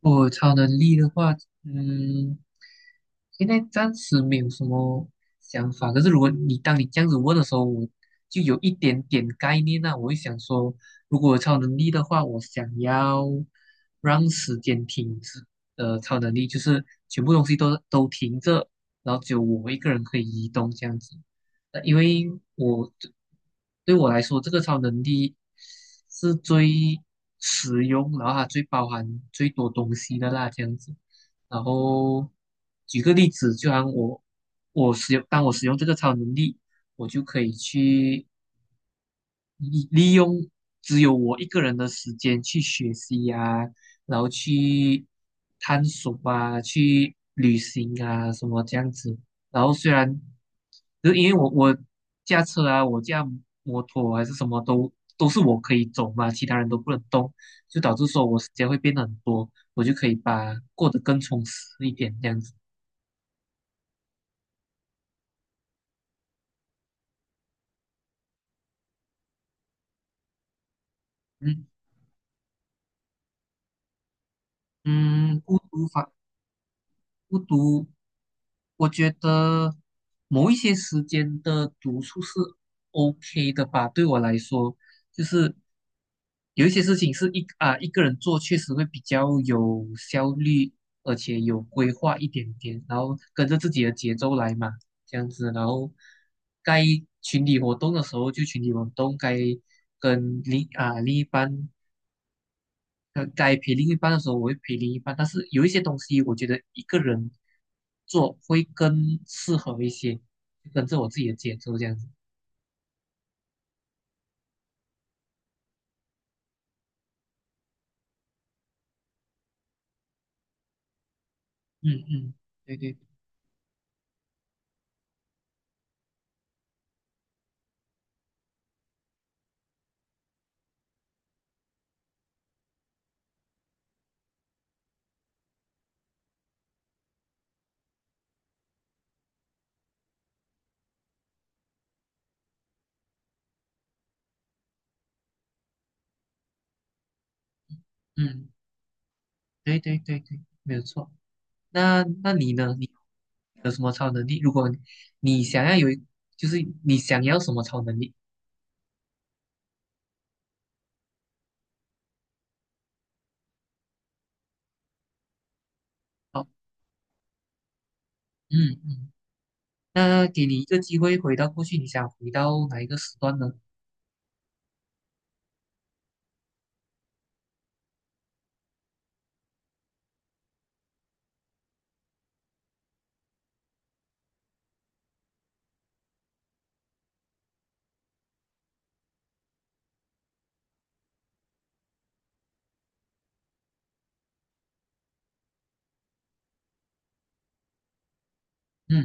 我超能力的话，嗯，现在暂时没有什么想法。可是如果当你这样子问的时候，我就有一点点概念那我会想说，如果有超能力的话，我想要让时间停止的超能力，就是全部东西都停着，然后只有我一个人可以移动这样子。因为我对我来说，这个超能力是最实用，然后它最包含最多东西的啦，这样子。然后举个例子，就像我使用，当我使用这个超能力，我就可以去利用只有我一个人的时间去学习呀、然后去探索啊，去旅行啊，什么这样子。然后虽然，就是因为我驾车啊，我驾摩托还是什么都是我可以走嘛，其他人都不能动，就导致说我时间会变得很多，我就可以把过得更充实一点这样子。嗯嗯，不无法。不读，我觉得某一些时间的读书是 OK 的吧。对我来说，就是有一些事情是一个人做，确实会比较有效率，而且有规划一点点，然后跟着自己的节奏来嘛，这样子。然后该群体活动的时候就群体活动，跟另啊另一半该陪另一半的时候，我会陪另一半。但是有一些东西，我觉得一个人做会更适合一些，就跟着我自己的节奏这样子。嗯嗯，对对，嗯，对对对对，没有错。那你呢？你有什么超能力？如果你想要有一就是你想要什么超能力？好，嗯嗯，那给你一个机会回到过去，你想回到哪一个时段呢？嗯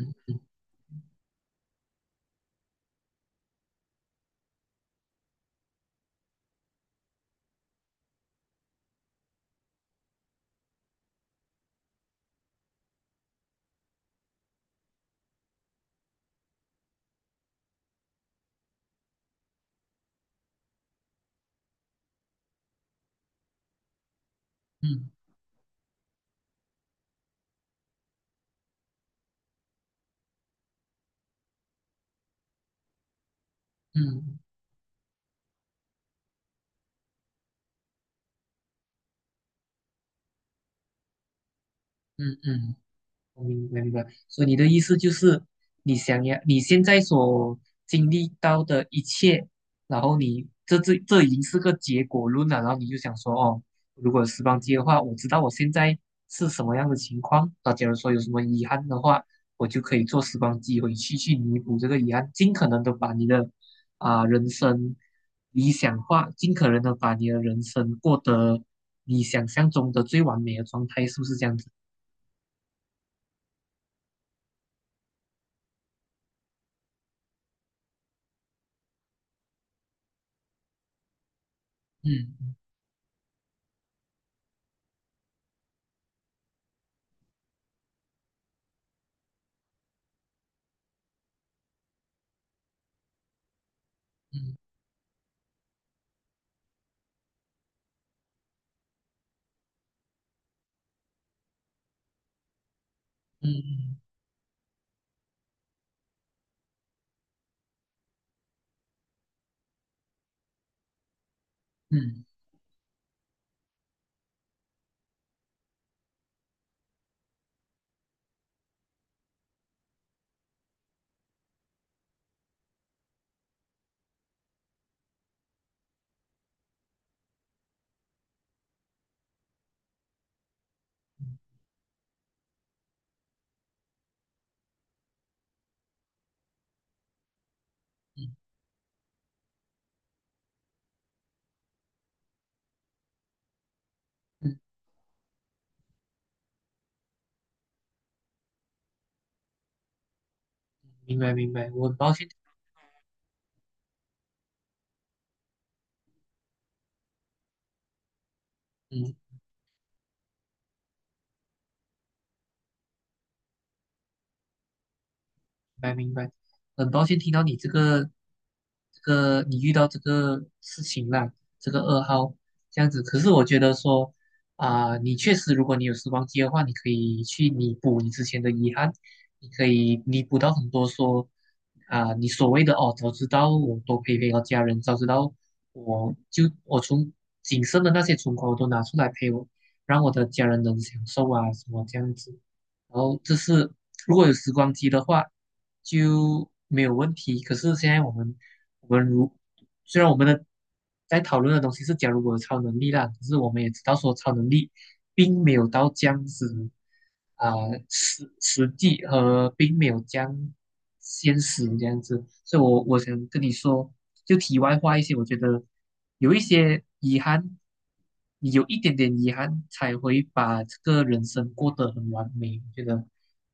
嗯嗯嗯嗯。我明白明白，所以你的意思就是，你想要你现在所经历到的一切，然后你这已经是个结果论了，然后你就想说，哦，如果有时光机的话，我知道我现在是什么样的情况，那假如说有什么遗憾的话，我就可以坐时光机回去弥补这个遗憾，尽可能的把你的人生理想化，尽可能的把你的人生过得你想象中的最完美的状态，是不是这样子？嗯嗯。嗯嗯嗯嗯，嗯嗯明白明白，我很抱歉，嗯，明白明白，很抱歉听到你这个你遇到这个事情啦，这个噩耗这样子。可是我觉得说你确实，如果你有时光机的话，你可以去弥补你之前的遗憾，你可以弥补到很多说你所谓的哦，早知道我多陪陪我家人，早知道我从仅剩的那些存款我都拿出来陪我，让我的家人能享受啊什么这样子。然后这是如果有时光机的话就没有问题。可是现在我们虽然我们的在讨论的东西是假如我有超能力啦，可是我们也知道说超能力并没有到这样子啊、实际和并没有这样现实这样子，所以我想跟你说，就题外话一些，我觉得有一些遗憾，你有一点点遗憾才会把这个人生过得很完美，我觉得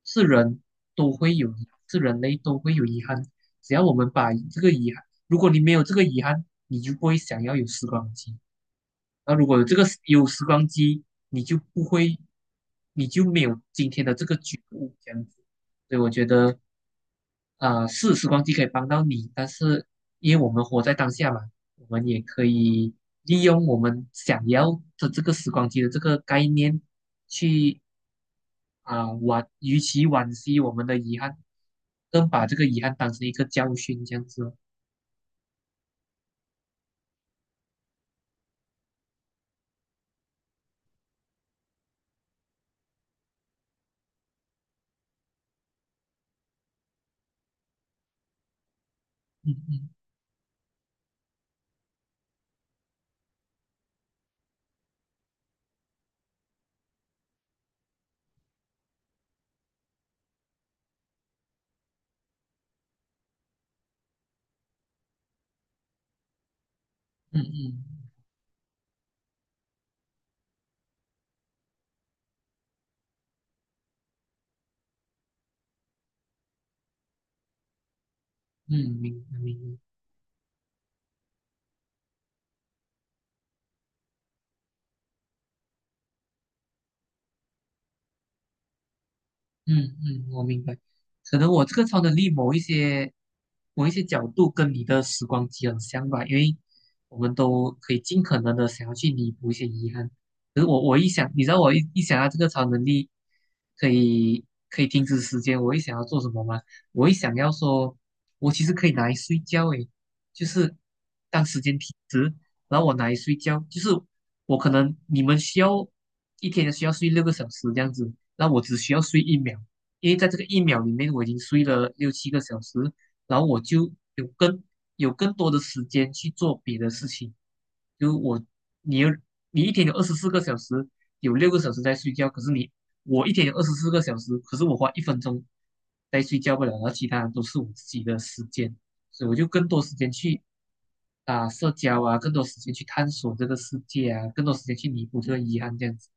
是人都会有遗憾，是人类都会有遗憾。只要我们把这个遗憾如果你没有这个遗憾，你就不会想要有时光机。那如果有这个有时光机，你就不会，你就没有今天的这个觉悟这样子。所以我觉得，是时光机可以帮到你，但是因为我们活在当下嘛，我们也可以利用我们想要的这个时光机的这个概念去啊惋，与其惋惜我们的遗憾，更把这个遗憾当成一个教训这样子嗯嗯嗯嗯嗯，明白明白。嗯嗯，我明白。可能我这个超能力某一些角度跟你的时光机很像吧，因为我们都可以尽可能的想要去弥补一些遗憾。可是我一想，你知道我一想到这个超能力可以停止时间，我一想要做什么吗？我一想要说，我其实可以拿来睡觉诶，就是当时间停止，然后我拿来睡觉，就是我可能你们需要一天需要睡六个小时这样子。那我只需要睡一秒，因为在这个一秒里面我已经睡了6、7个小时，然后我就有更多的时间去做别的事情。就我，你一天有二十四个小时，有六个小时在睡觉，可是我一天有二十四个小时，可是我花一分钟在睡觉不了，然后其他都是我自己的时间，所以我就更多时间去社交啊，更多时间去探索这个世界啊，更多时间去弥补这个遗憾这样子。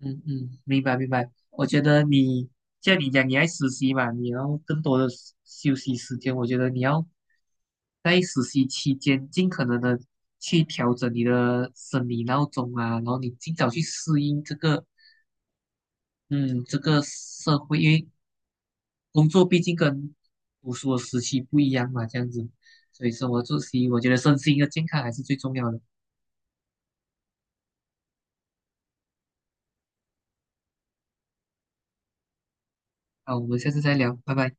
嗯嗯，明白明白。我觉得你像你讲，你爱实习嘛，你要更多的休息时间。我觉得你要在实习期间尽可能的去调整你的生理闹钟啊，然后你尽早去适应这个社会，因为工作毕竟跟读书的时期不一样嘛，这样子。所以生活作息，我觉得身心的健康还是最重要的。好，我们下次再聊，拜拜。